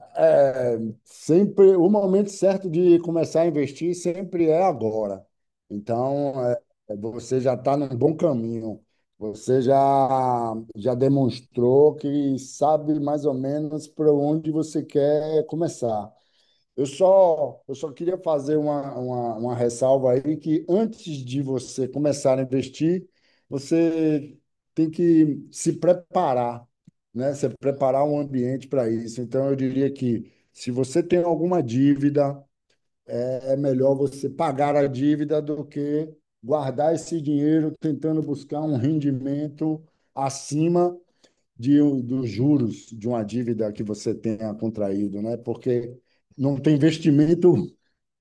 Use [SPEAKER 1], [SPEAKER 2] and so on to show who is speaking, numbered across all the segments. [SPEAKER 1] É, sempre o momento certo de começar a investir sempre é agora. Então, você já está num bom caminho. Você já demonstrou que sabe mais ou menos para onde você quer começar. Eu só queria fazer uma ressalva aí que antes de você começar a investir, você tem que se preparar, né? Se preparar um ambiente para isso. Então, eu diria que se você tem alguma dívida, é melhor você pagar a dívida do que guardar esse dinheiro tentando buscar um rendimento acima dos juros de uma dívida que você tenha contraído, né? Porque não tem investimento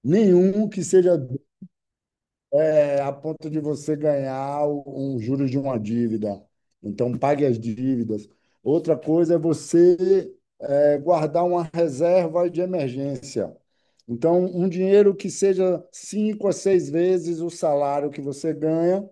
[SPEAKER 1] nenhum que seja a ponto de você ganhar um juros de uma dívida. Então, pague as dívidas. Outra coisa é você guardar uma reserva de emergência. Então, um dinheiro que seja 5 a 6 vezes o salário que você ganha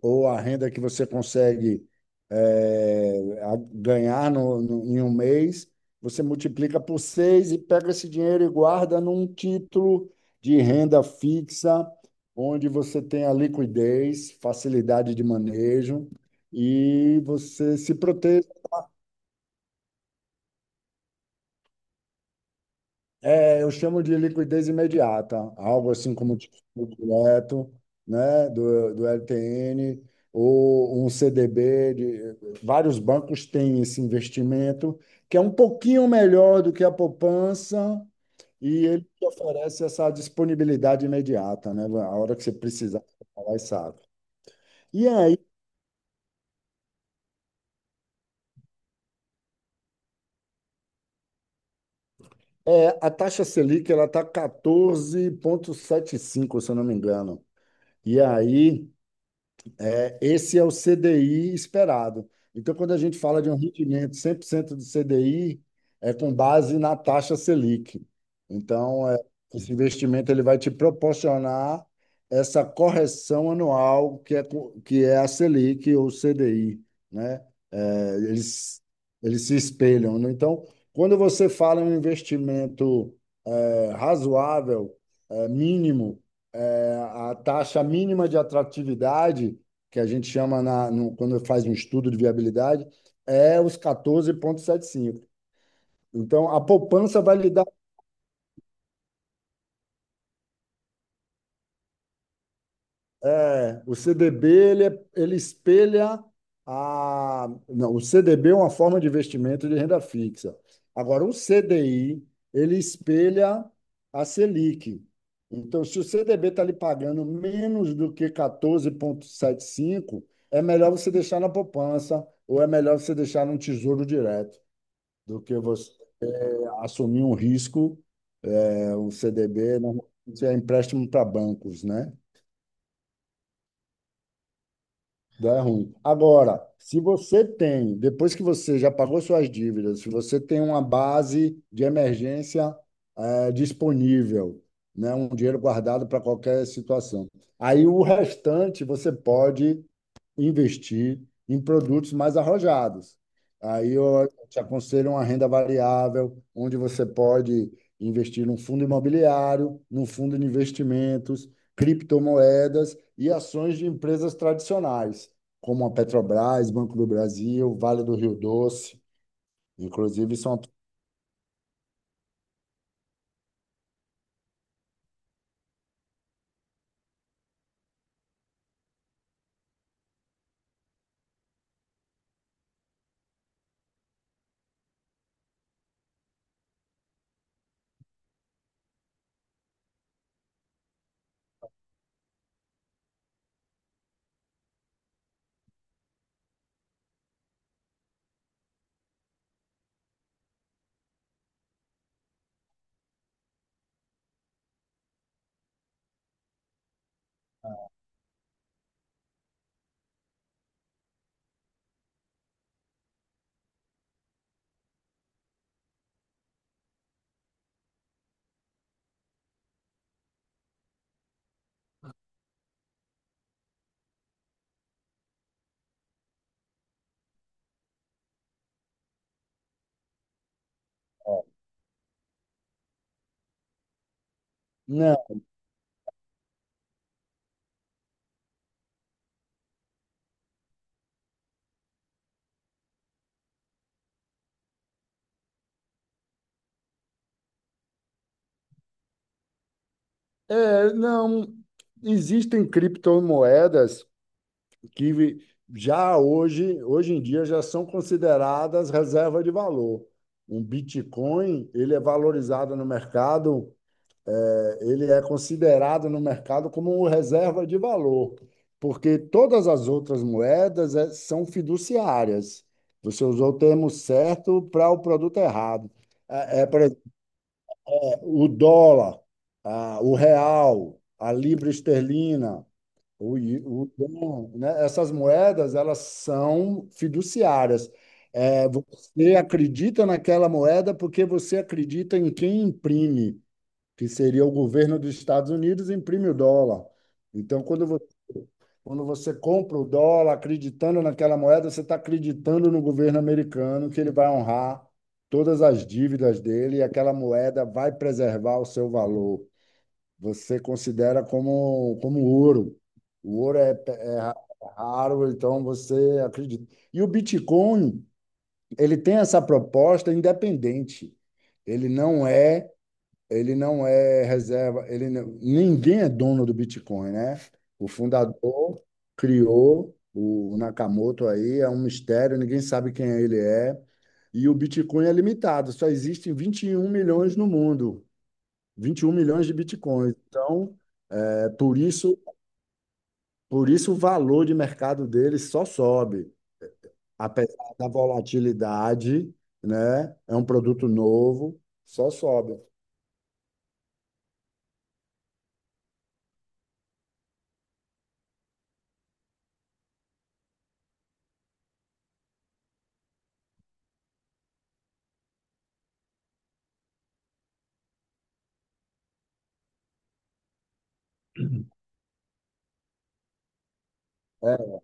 [SPEAKER 1] ou a renda que você consegue ganhar em 1 mês, você multiplica por 6 e pega esse dinheiro e guarda num título de renda fixa, onde você tem a liquidez, facilidade de manejo e você se protege. Eu chamo de liquidez imediata, algo assim como título direto, né, do LTN, ou um CDB. De, vários bancos têm esse investimento, que é um pouquinho melhor do que a poupança, e ele te oferece essa disponibilidade imediata, né? A hora que você precisar, você vai lá e sabe. E aí, a taxa Selic, ela está 14,75 se eu não me engano. E aí. Esse é o CDI esperado. Então, quando a gente fala de um rendimento 100% de CDI, é com base na taxa Selic. Então, esse investimento ele vai te proporcionar essa correção anual que é, que é a Selic ou CDI, né? É, eles, eles se espelham. Né? Então, quando você fala em um investimento razoável, mínimo, a taxa mínima de atratividade que a gente chama, na, no, quando faz um estudo de viabilidade, é os 14,75. Então, a poupança vai lhe dar. O CDB, ele espelha a. Não, o CDB é uma forma de investimento de renda fixa. Agora, o CDI, ele espelha a Selic. Então, se o CDB está lhe pagando menos do que 14,75, é melhor você deixar na poupança ou é melhor você deixar num tesouro direto do que você assumir um risco, o CDB normalmente é empréstimo para bancos, né? Dá ruim. Agora, se você tem, depois que você já pagou suas dívidas, se você tem uma base de emergência disponível, né, um dinheiro guardado para qualquer situação, aí o restante você pode investir em produtos mais arrojados. Aí eu te aconselho uma renda variável, onde você pode investir num fundo imobiliário, num fundo de investimentos, criptomoedas e ações de empresas tradicionais, como a Petrobras, Banco do Brasil, Vale do Rio Doce. Inclusive, são. Não, não. Existem criptomoedas que já hoje, hoje em dia já são consideradas reserva de valor. Um Bitcoin, ele é valorizado no mercado, ele é considerado no mercado como reserva de valor, porque todas as outras moedas são fiduciárias. Você usou o termo certo para o produto errado. Por exemplo, o dólar, ah, o real, a libra esterlina, o, dom, né? Essas moedas, elas são fiduciárias. Você acredita naquela moeda porque você acredita em quem imprime, que seria o governo dos Estados Unidos, imprime o dólar. Então, quando você compra o dólar acreditando naquela moeda, você está acreditando no governo americano que ele vai honrar todas as dívidas dele e aquela moeda vai preservar o seu valor, você considera como, como ouro. O ouro é raro, então você acredita. E o Bitcoin, ele tem essa proposta independente. Ele não é, ele não é reserva, ele não- ninguém é dono do Bitcoin, né? O fundador criou o Nakamoto aí, é um mistério, ninguém sabe quem ele é. E o Bitcoin é limitado, só existem 21 milhões no mundo, 21 milhões de Bitcoins. Então, é, por isso por isso o valor de mercado dele só sobe, apesar da volatilidade, né? É um produto novo, só sobe. É,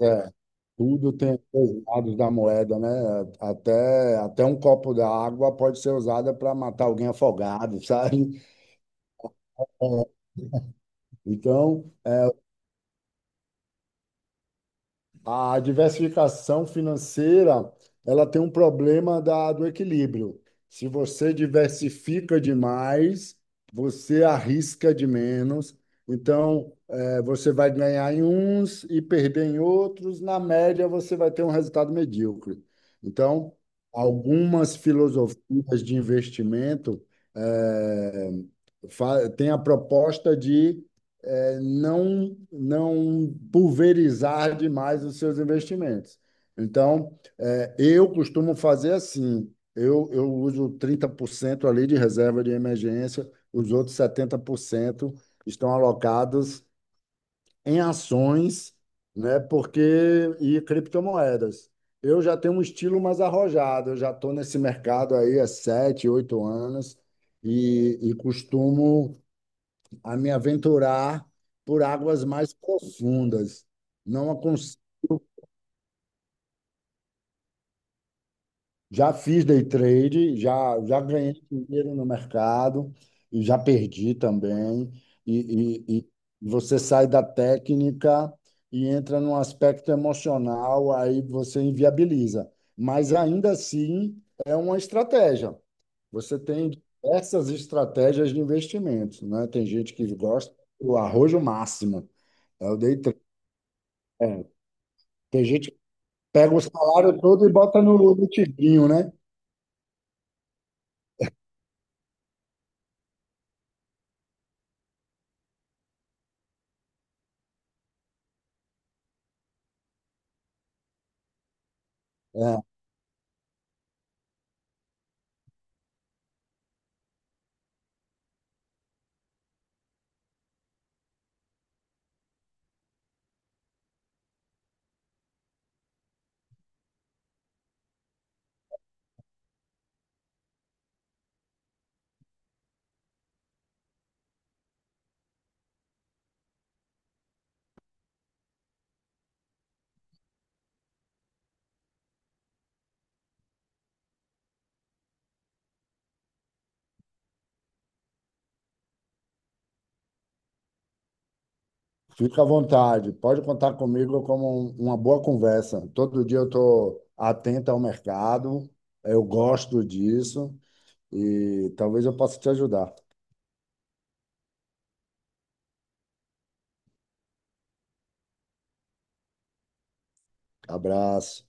[SPEAKER 1] é, tudo tem os lados da moeda, né? Até um copo d'água pode ser usada para matar alguém afogado, sabe? É, Então, a diversificação financeira, ela tem um problema do equilíbrio. Se você diversifica demais, você arrisca de menos. Então, você vai ganhar em uns e perder em outros. Na média, você vai ter um resultado medíocre. Então, algumas filosofias de investimento eh, têm a proposta de não pulverizar demais os seus investimentos. Então, eu costumo fazer assim, eu uso 30% ali de reserva de emergência, os outros 70% estão alocados em ações, né, porque e criptomoedas. Eu já tenho um estilo mais arrojado, eu já estou nesse mercado aí há 7, 8 anos e costumo a me aventurar por águas mais profundas. Não aconse- Já fiz day trade, já ganhei dinheiro no mercado e já perdi também. E você sai da técnica e entra num aspecto emocional, aí você inviabiliza. Mas ainda assim é uma estratégia. Você tem diversas estratégias de investimentos, né? Tem gente que gosta do arrojo máximo, é o day trade. é, Tem gente que pega o salário todo e bota no tigrinho, né? É, fica à vontade. Pode contar comigo como uma boa conversa. Todo dia eu estou atento ao mercado, eu gosto disso e talvez eu possa te ajudar. Abraço.